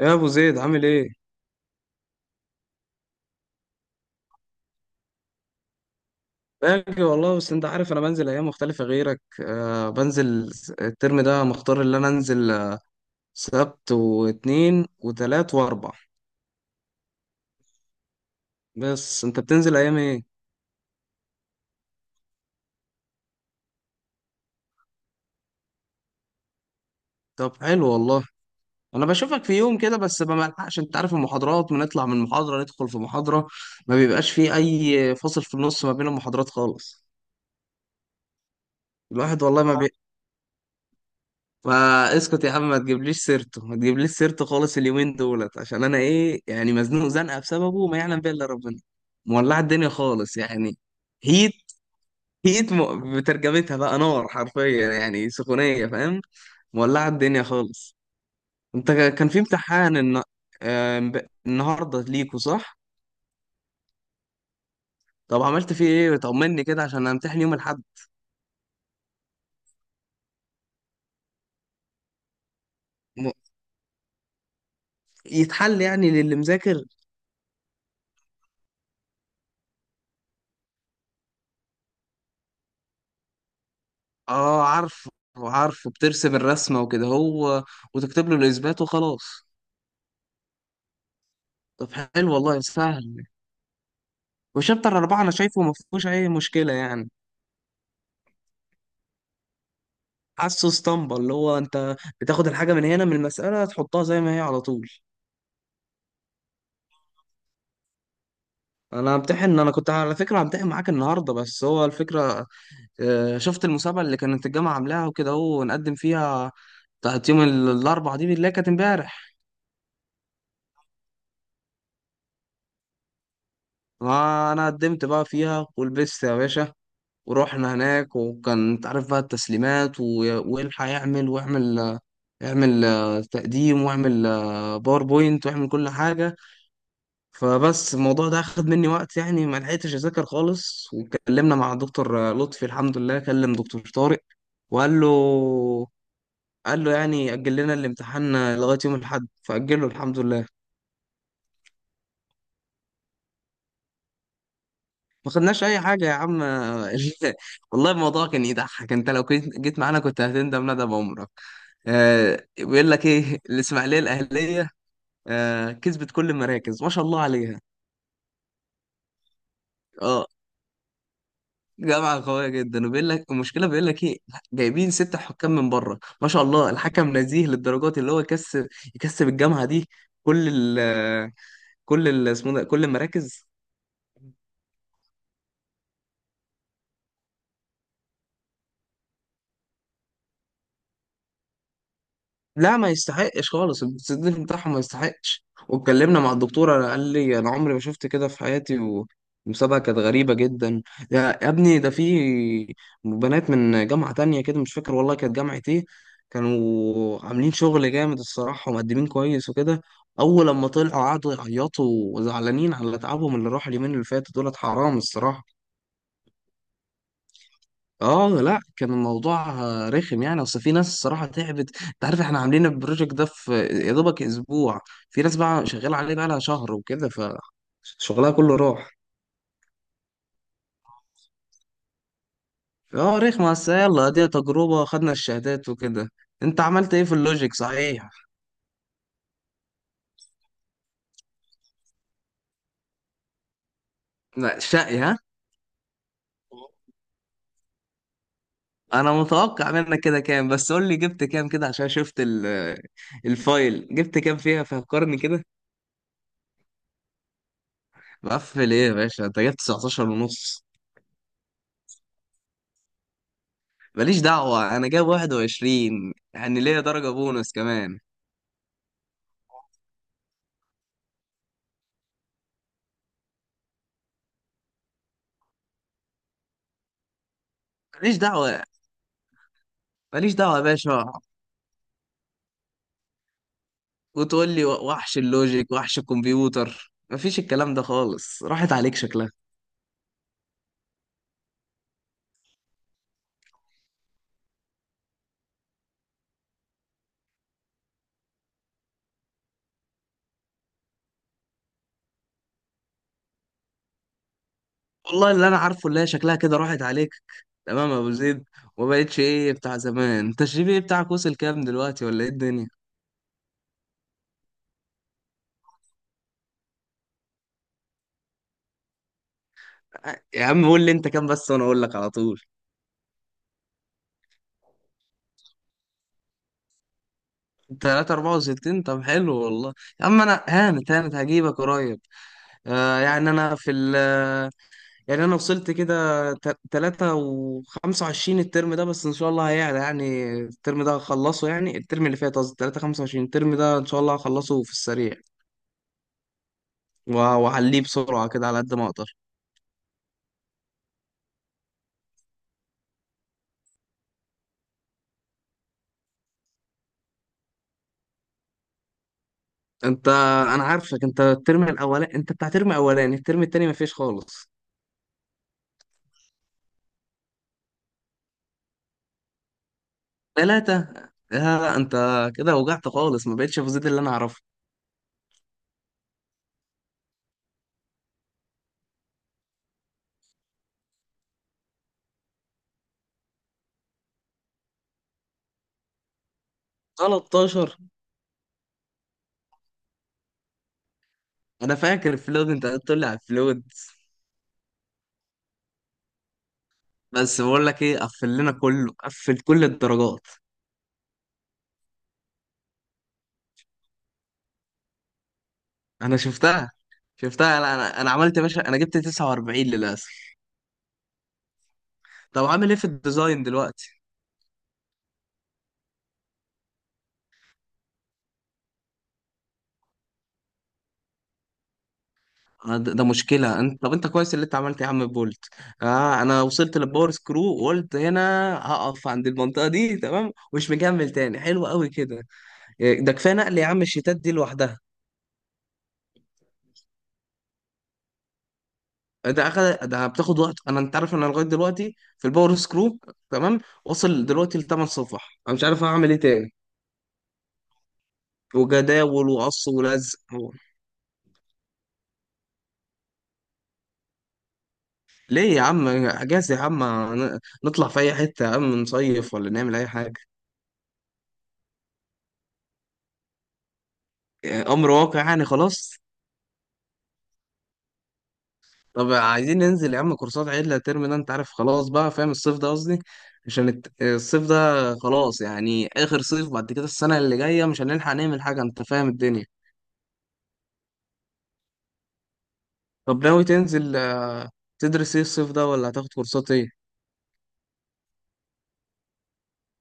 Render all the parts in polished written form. يا ابو زيد، عامل ايه؟ باجي والله، بس انت عارف انا بنزل ايام مختلفه غيرك. بنزل الترم ده مختار اللي انا انزل. سبت واثنين وثلاث واربع. بس انت بتنزل ايام ايه؟ طب حلو والله. انا بشوفك في يوم كده، بس ما بلحقش. انت عارف المحاضرات، بنطلع من محاضره ندخل في محاضره. ما بيبقاش فيه اي فاصل في النص ما بين المحاضرات خالص. الواحد والله ما بي... فاسكت يا عم، ما تجيبليش سيرته ما تجيبليش سيرته خالص اليومين دولت، عشان انا ايه؟ يعني مزنوق زنقه بسببه ما يعلم بيها الا ربنا. مولعه الدنيا خالص يعني. هيت هيت م... بترجمتها بقى نار، حرفيا يعني سخونيه، فاهم؟ مولعه الدنيا خالص. انت كان في امتحان الن... النهارده ليكوا صح؟ طب عملت فيه ايه؟ طمني كده عشان امتحن يوم الاحد. م- يتحل يعني للي مذاكر. اه عارفه. عارفه بترسم الرسمة وكده هو، وتكتب له الإثبات وخلاص. طب حلو والله، سهل. وشابتر أربعة أنا شايفه ما فيهوش أي مشكلة يعني. حاسه اسطمبة، اللي هو أنت بتاخد الحاجة من هنا من المسألة تحطها زي ما هي على طول. أنا كنت على فكرة همتحن معاك النهاردة، بس هو الفكرة. شفت المسابقة اللي كانت الجامعة عاملاها وكده هو نقدم فيها. بتاعت يوم الأربعة دي اللي هي كانت امبارح. ما أنا قدمت بقى فيها ولبست يا باشا. ورحنا هناك وكان تعرف بقى التسليمات والحق يعمل واعمل. اعمل تقديم، واعمل باوربوينت، واعمل كل حاجة. فبس الموضوع ده أخد مني وقت يعني، ما لحقتش أذاكر خالص. واتكلمنا مع الدكتور لطفي، الحمد لله كلم دكتور طارق. وقال له يعني أجل لنا الامتحان لغاية يوم الأحد، فأجله الحمد لله. ما خدناش اي حاجه يا عم. والله الموضوع كان يضحك، انت لو كنت جيت معانا كنت هتندم ندم عمرك. بيقول لك ايه؟ الاسماعيليه الاهليه. كسبت كل المراكز ما شاء الله عليها. اه جامعه قويه جدا. وبيقول لك المشكله، بيقول لك ايه؟ جايبين ست حكام من بره، ما شاء الله الحكم نزيه، للدرجات اللي هو يكسب الجامعه دي كل ال ال اسمه ده كل المراكز. لا، ما يستحقش خالص. السيف بتاعهم ما يستحقش. واتكلمنا مع الدكتور، انا قال لي انا عمري ما شفت كده في حياتي. والمسابقه كانت غريبه جدا. يا ابني، ده في بنات من جامعه تانية كده، مش فاكر والله كانت جامعه ايه. كانوا عاملين شغل جامد الصراحه، ومقدمين كويس وكده. اول لما طلعوا قعدوا يعيطوا، وزعلانين على تعبهم اللي راح اليومين اللي فاتوا دولت، حرام الصراحه. اه لا، كان الموضوع رخم يعني. اصل في ناس الصراحه تعبت، انت عارف احنا عاملين البروجكت ده في يا دوبك اسبوع. في ناس بقى شغاله عليه بقى لها شهر وكده، فشغلها كله راح. اه رخمه، بس يلا دي تجربه، خدنا الشهادات وكده. انت عملت ايه في اللوجيك صحيح؟ لا شقي، ها؟ انا متوقع منك كده كام، بس قول لي جبت كام كده عشان شفت الفايل، جبت كام فيها؟ فكرني كده. مقفل ايه يا باشا؟ انت جبت 19 ونص. ماليش دعوة، أنا جايب 21 يعني ليا درجة بونص كمان. ماليش دعوة ماليش دعوة يا باشا. وتقول لي وحش اللوجيك وحش الكمبيوتر؟ مفيش الكلام ده خالص، راحت عليك شكلها. والله اللي أنا عارفه اللي هي شكلها كده راحت عليك. تمام يا أبو زيد. وما بقتش إيه بتاع زمان. أنت الجي بي بتاعك وصل كام دلوقتي ولا إيه الدنيا؟ يا عم قول لي أنت كام بس، وأنا أقول لك على طول. 3 64، طب حلو والله. يا عم أنا هانت هانت، هجيبك قريب. يعني أنا في ال يعني انا وصلت كده. 3.25 الترم ده، بس ان شاء الله هيعلى. يعني الترم ده هخلصه، يعني الترم اللي فات قصدي، 3.25 الترم ده ان شاء الله هخلصه في السريع. وهعليه بسرعة كده على قد ما اقدر. انت انا عارفك، انت الترم الاولاني، انت بتاع ترم اولاني، الترم التاني مفيش خالص. تلاتة؟ لا انت كده وجعت خالص، ما بقتش في زيد اللي انا اعرفه. 13. انا فاكر الفلود، انت قلت لي على الفلود. بس بقول لك ايه، قفل لنا كله، قفل كل الدرجات. انا شفتها. لا انا عملت يا باشا، انا جبت 49 للاسف. طب عامل ايه في الديزاين دلوقتي؟ ده مشكله انت، طب انت كويس اللي انت عملت يا عم بولت. اه انا وصلت للباور سكرو، وقلت هنا هقف عند المنطقه دي تمام، ومش مكمل تاني، حلو قوي كده. ده كفايه نقل يا عم الشيتات دي لوحدها. ده بتاخد وقت، انت عارف انا لغايه دلوقتي في الباور سكرو، تمام. وصل دلوقتي لثمان صفح، انا مش عارف اعمل ايه تاني. وجداول وقص ولزق. ليه يا عم، اجازة يا عم؟ نطلع في اي حتة يا عم، نصيف ولا نعمل اي حاجة؟ امر واقع يعني خلاص. طب عايزين ننزل يا عم كورسات عدلة ترم ده، انت عارف خلاص بقى فاهم، الصيف ده قصدي. عشان الصيف ده. خلاص يعني اخر صيف، بعد كده السنة اللي جاية مش هنلحق نعمل حاجة، انت فاهم الدنيا. طب ناوي تنزل تدرس ايه الصيف ده، ولا هتاخد كورسات ايه؟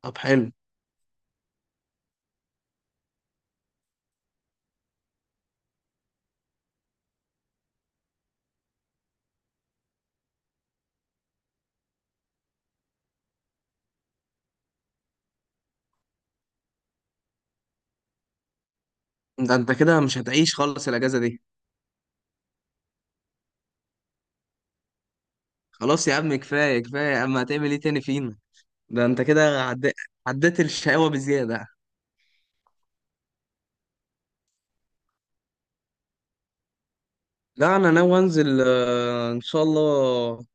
طب حلو. ده انت كده مش هتعيش خالص الاجازة دي. خلاص يا عم، كفاية كفاية يا عم، هتعمل ايه تاني فينا؟ ده انت كده عدي... عديت الشقاوة بزيادة. لا انا ناوي انزل، ان شاء الله.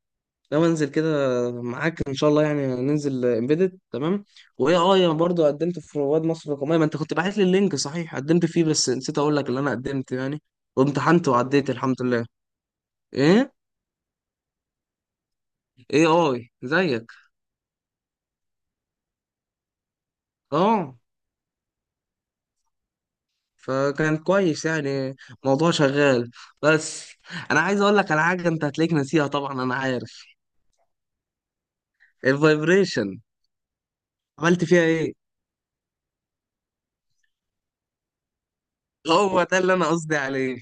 ناوي انزل كده. معاك ان شاء الله، يعني ننزل امبيدد تمام. وايه انا برضه قدمت في رواد مصر الرقميه، ما انت كنت باعت لي اللينك صحيح، قدمت فيه بس نسيت اقول لك اللي انا قدمت يعني. وامتحنت وعديت الحمد لله. ايه ايه؟ اي زيك. اه، فكان كويس يعني، موضوع شغال. بس انا عايز اقول لك على حاجه، انت هتلاقيك ناسيها طبعا انا عارف. الفايبريشن. عملت فيها ايه؟ هو ده اللي انا قصدي عليه.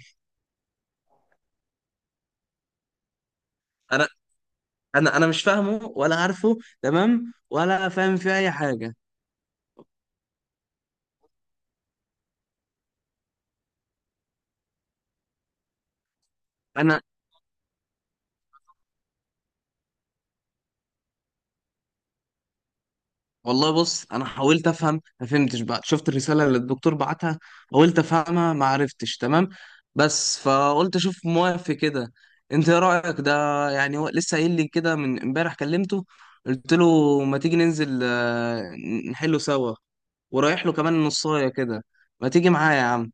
انا انا مش فاهمه ولا عارفه تمام، ولا فاهم فيه اي حاجه. انا والله، بص انا حاولت افهم ما فهمتش بقى، شفت الرساله اللي الدكتور بعتها. حاولت افهمها ما عرفتش تمام. بس فقلت اشوف موافق كده. انت ايه رايك ده؟ يعني هو لسه قايل لي كده من امبارح، كلمته. قلت له ما تيجي ننزل، نحله سوا. ورايح له كمان نصايه كده. ما تيجي معايا يا عم؟